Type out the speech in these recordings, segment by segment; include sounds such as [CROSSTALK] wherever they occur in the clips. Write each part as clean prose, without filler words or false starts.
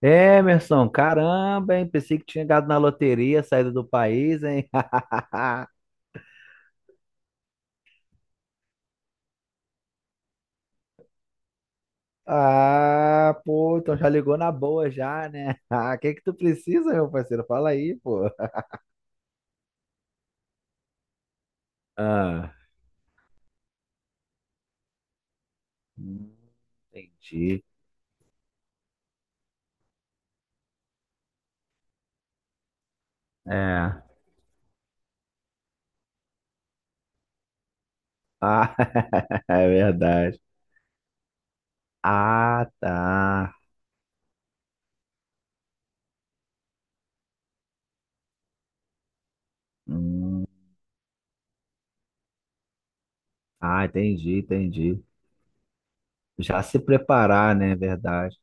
Emerson, caramba, hein? Pensei que tinha ganhado na loteria, saído do país, hein? [LAUGHS] Ah, pô, então já ligou na boa já, né? [LAUGHS] Ah, o que que tu precisa, meu parceiro? Fala aí, pô. Ah, hum, entendi. É. Ah, [LAUGHS] é verdade. Ah, tá. Hum. Ah, entendi, entendi. Já se preparar, né? É verdade.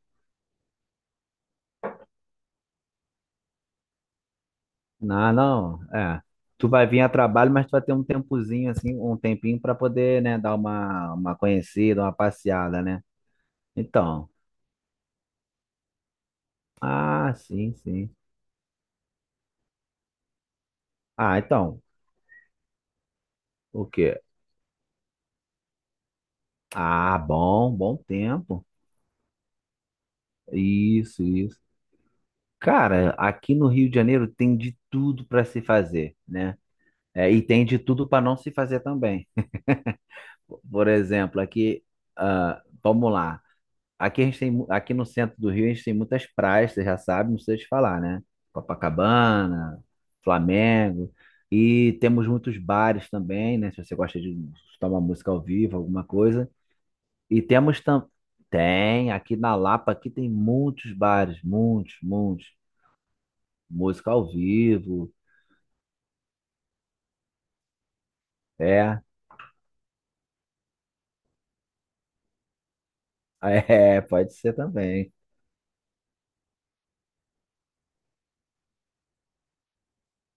Não, não, é. Tu vai vir a trabalho, mas tu vai ter um tempozinho assim, um tempinho para poder, né, dar uma conhecida, uma passeada, né? Então, sim, sim. Ah, então, o quê? Ah, bom tempo. Isso, isso. Cara, aqui no Rio de Janeiro tem de tudo para se fazer, né? É, e tem de tudo para não se fazer também. Por exemplo, aqui, vamos lá. Aqui no centro do Rio a gente tem muitas praias, você já sabe, não precisa te falar, né? Copacabana, Flamengo, e temos muitos bares também, né? Se você gosta de escutar uma música ao vivo, alguma coisa. E temos também, aqui na Lapa, aqui tem muitos bares, muitos, muitos. Música ao vivo, é, [LAUGHS] é, pode ser também.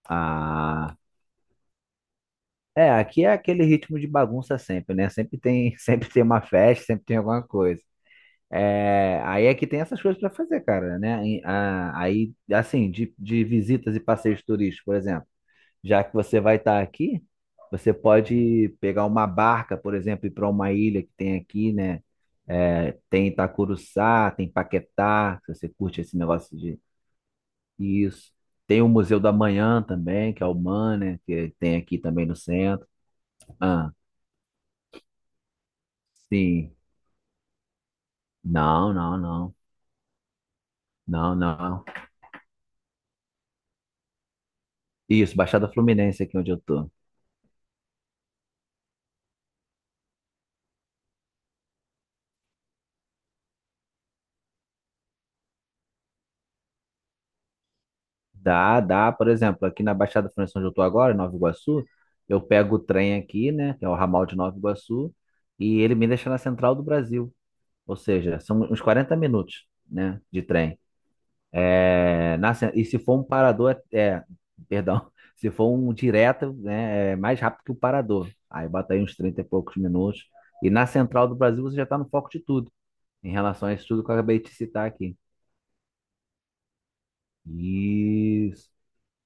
Ah, é, aqui é aquele ritmo de bagunça sempre, né? Sempre tem, [LAUGHS] sempre tem uma festa, sempre tem alguma coisa. É, aí é que tem essas coisas para fazer, cara, né? E, aí, assim, de visitas e passeios turísticos, por exemplo, já que você vai estar aqui, você pode pegar uma barca, por exemplo, ir para uma ilha que tem aqui, né? É, tem Itacuruçá, tem Paquetá, se você curte esse negócio de, isso. Tem o Museu da Manhã também, que é o MAN, né? Que tem aqui também no centro. Ah, sim. Não, não, não. Não, não. Isso, Baixada Fluminense aqui onde eu tô. Dá, dá. Por exemplo, aqui na Baixada Fluminense, onde eu tô agora, em Nova Iguaçu, eu pego o trem aqui, né, que é o ramal de Nova Iguaçu, e ele me deixa na Central do Brasil. Ou seja, são uns 40 minutos, né, de trem. E se for um parador, perdão, [LAUGHS] se for um direto, né, é mais rápido que o parador. Aí bota aí uns 30 e poucos minutos. E na Central do Brasil você já está no foco de tudo, em relação a isso tudo que eu acabei de citar aqui. Isso.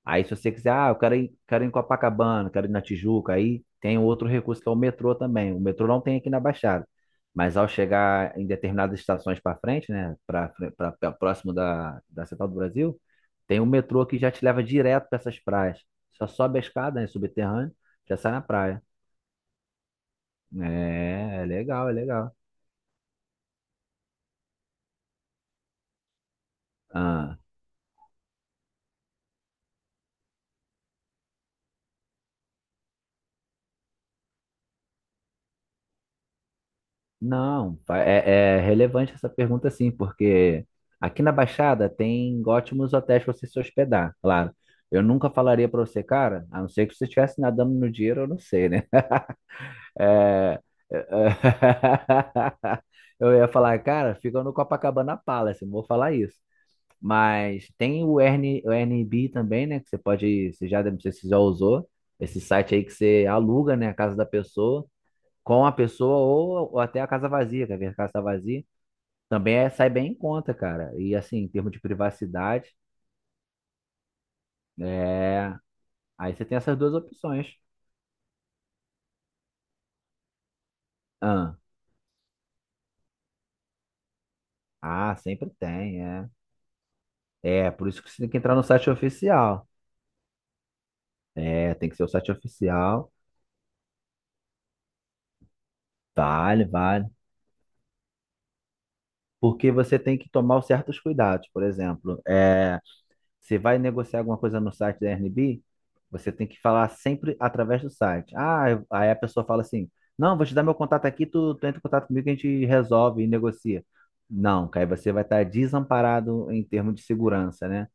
Aí, se você quiser, eu quero ir em Copacabana, quero ir na Tijuca, aí tem um outro recurso que é o metrô também. O metrô não tem aqui na Baixada, mas ao chegar em determinadas estações para frente, né, para próximo da Central do Brasil, tem o metrô que já te leva direto para essas praias. Só sobe a escada, né, subterrâneo, já sai na praia. É legal, é legal. Ah. Não, é relevante essa pergunta sim, porque aqui na Baixada tem ótimos hotéis para você se hospedar, claro. Eu nunca falaria para você, cara, a não ser que você estivesse nadando no dinheiro, eu não sei, né? [LAUGHS] é, é, [LAUGHS] eu ia falar, cara, fica no Copacabana Palace, não vou falar isso. Mas tem o Airbnb também, né? Que você pode, você já, não sei se você já usou, esse site aí que você aluga, né, a casa da pessoa com a pessoa ou até a casa vazia, quer ver a casa vazia? Também é, sai bem em conta, cara. E assim, em termos de privacidade, é... aí você tem essas duas opções. Ah, ah, sempre tem, é. É, por isso que você tem que entrar no site oficial. É, tem que ser o site oficial. Vale, vale. Porque você tem que tomar certos cuidados. Por exemplo, é. Você vai negociar alguma coisa no site da Airbnb, você tem que falar sempre através do site. Ah, aí a pessoa fala assim: Não, vou te dar meu contato aqui, tu entra em contato comigo que a gente resolve e negocia. Não, que aí você vai estar desamparado em termos de segurança, né?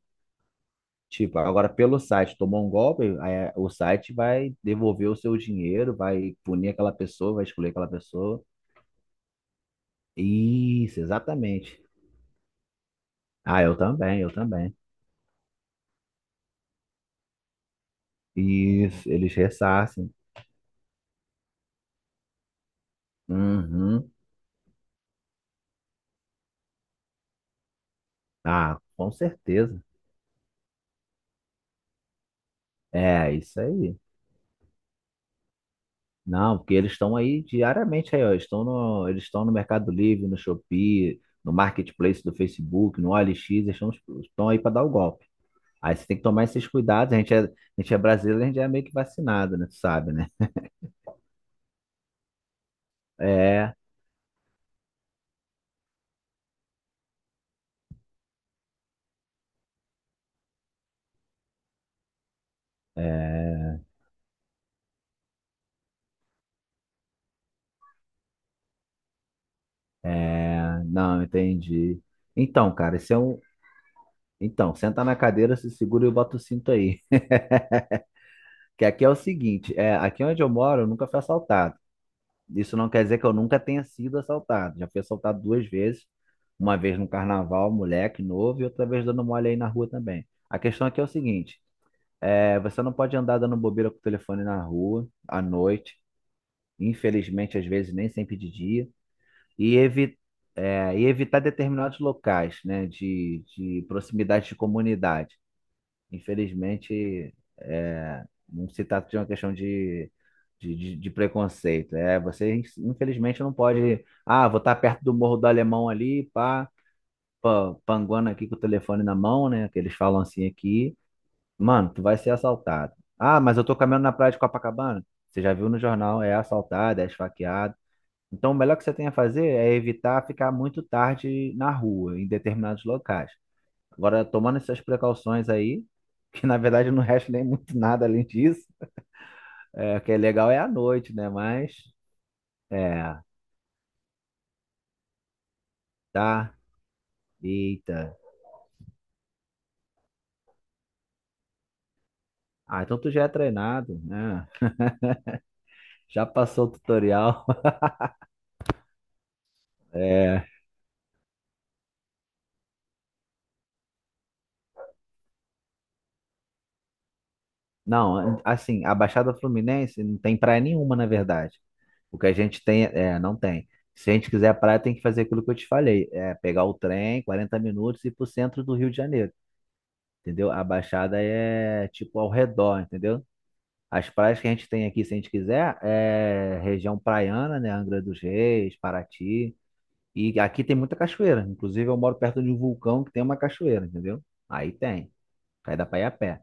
Tipo, agora pelo site tomou um golpe, aí o site vai devolver o seu dinheiro, vai punir aquela pessoa, vai excluir aquela pessoa. Isso, exatamente. Ah, eu também, eu também. Isso, eles ressarcem. Uhum. Ah, com certeza. É, isso aí. Não, porque eles estão aí diariamente aí, ó. Estão no, eles estão no Mercado Livre, no Shopee, no Marketplace do Facebook, no OLX, eles estão aí para dar o golpe. Aí você tem que tomar esses cuidados. A gente é brasileiro, a gente é meio que vacinado, né? Tu sabe, né? É, é, é. Não, entendi. Então, cara, esse é um. Então, senta na cadeira, se segura e bota o cinto aí. Que aqui é o seguinte, aqui onde eu moro, eu nunca fui assaltado. Isso não quer dizer que eu nunca tenha sido assaltado. Já fui assaltado duas vezes. Uma vez no carnaval, moleque novo, e outra vez dando mole aí na rua também. A questão aqui é o seguinte: você não pode andar dando bobeira com o telefone na rua, à noite, infelizmente, às vezes nem sempre de dia, e, evi e evitar determinados locais, né, de proximidade de comunidade. Infelizmente, não se trata de uma questão de preconceito. É, você, infelizmente, não pode. Ah, vou estar perto do Morro do Alemão ali, pá, pá, panguando aqui com o telefone na mão, né? Que eles falam assim aqui. Mano, tu vai ser assaltado. Ah, mas eu tô caminhando na praia de Copacabana. Você já viu no jornal, é assaltado, é esfaqueado. Então, o melhor que você tem a fazer é evitar ficar muito tarde na rua, em determinados locais. Agora, tomando essas precauções aí, [LAUGHS] que na verdade não resta nem muito nada além disso, o que é legal é a noite, né? Mas, é, tá, eita. Ah, então tu já é treinado, né? Já passou o tutorial. [LAUGHS] É, não, assim, a Baixada Fluminense não tem praia nenhuma, na verdade. O que a gente tem, não tem. Se a gente quiser praia, tem que fazer aquilo que eu te falei, é pegar o trem, 40 minutos e ir pro centro do Rio de Janeiro, entendeu? A Baixada é tipo ao redor, entendeu? As praias que a gente tem aqui, se a gente quiser, é região praiana, né? Angra dos Reis, Paraty. E aqui tem muita cachoeira. Inclusive, eu moro perto de um vulcão que tem uma cachoeira, entendeu? Aí tem. Aí dá pra ir a pé.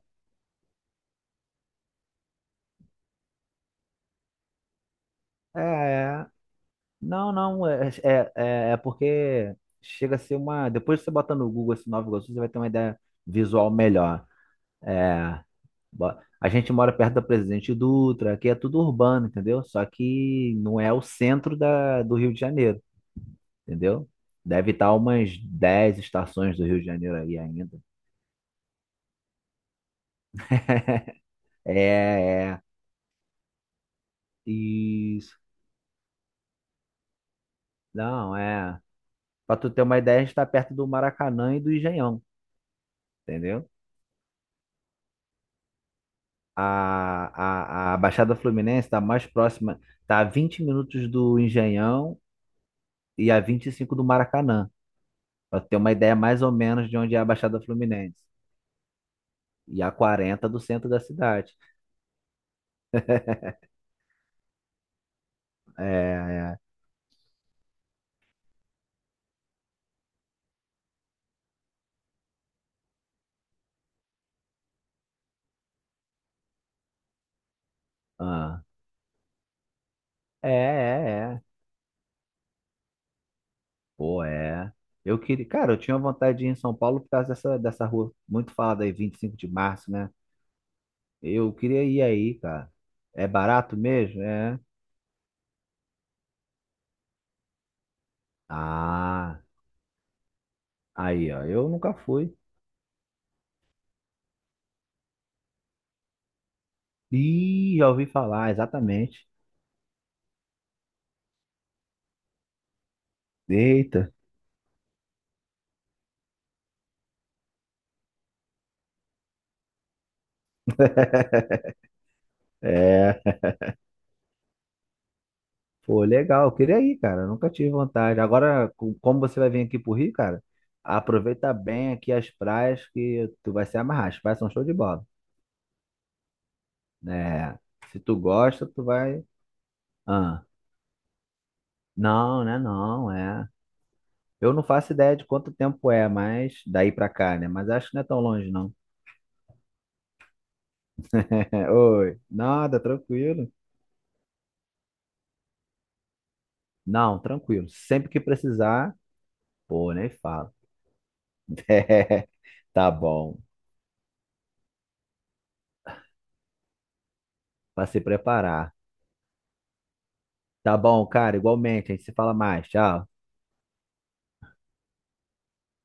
É. Não, não. É porque chega a ser uma. Depois você bota no Google esse Nova Iguaçu, você vai ter uma ideia visual melhor. É. A gente mora perto da Presidente Dutra, aqui é tudo urbano, entendeu? Só que não é o centro do Rio de Janeiro. Entendeu? Deve estar umas 10 estações do Rio de Janeiro aí ainda. [LAUGHS] É, é. Isso. Não, é. Pra tu ter uma ideia, a gente tá perto do Maracanã e do Engenhão, entendeu? A Baixada Fluminense tá mais próxima, tá a 20 minutos do Engenhão e a 25 do Maracanã. Pra tu ter uma ideia mais ou menos de onde é a Baixada Fluminense. E a 40 do centro da cidade. É, é. Ah. É, é, é. Pô, é. Eu queria, cara, eu tinha vontade de ir em São Paulo por causa dessa rua muito falada aí, 25 de Março, né? Eu queria ir aí, cara. É barato mesmo? É. Ah, aí, ó. Eu nunca fui. Ih, já ouvi falar, exatamente. Eita, é. Pô, legal. Eu queria ir, cara. Eu nunca tive vontade. Agora, como você vai vir aqui pro Rio, cara, aproveita bem aqui as praias que tu vai se amarrar. As praias são show de bola, né? Se tu gosta, tu vai. Ah, não, né? Não, é. Eu não faço ideia de quanto tempo é, mas daí pra cá, né? Mas acho que não é tão longe, não. [LAUGHS] Oi, nada, tranquilo. Não, tranquilo. Sempre que precisar, pô, nem falo. [LAUGHS] É, tá bom, pra se preparar. Tá bom, cara, igualmente. A gente se fala mais. Tchau.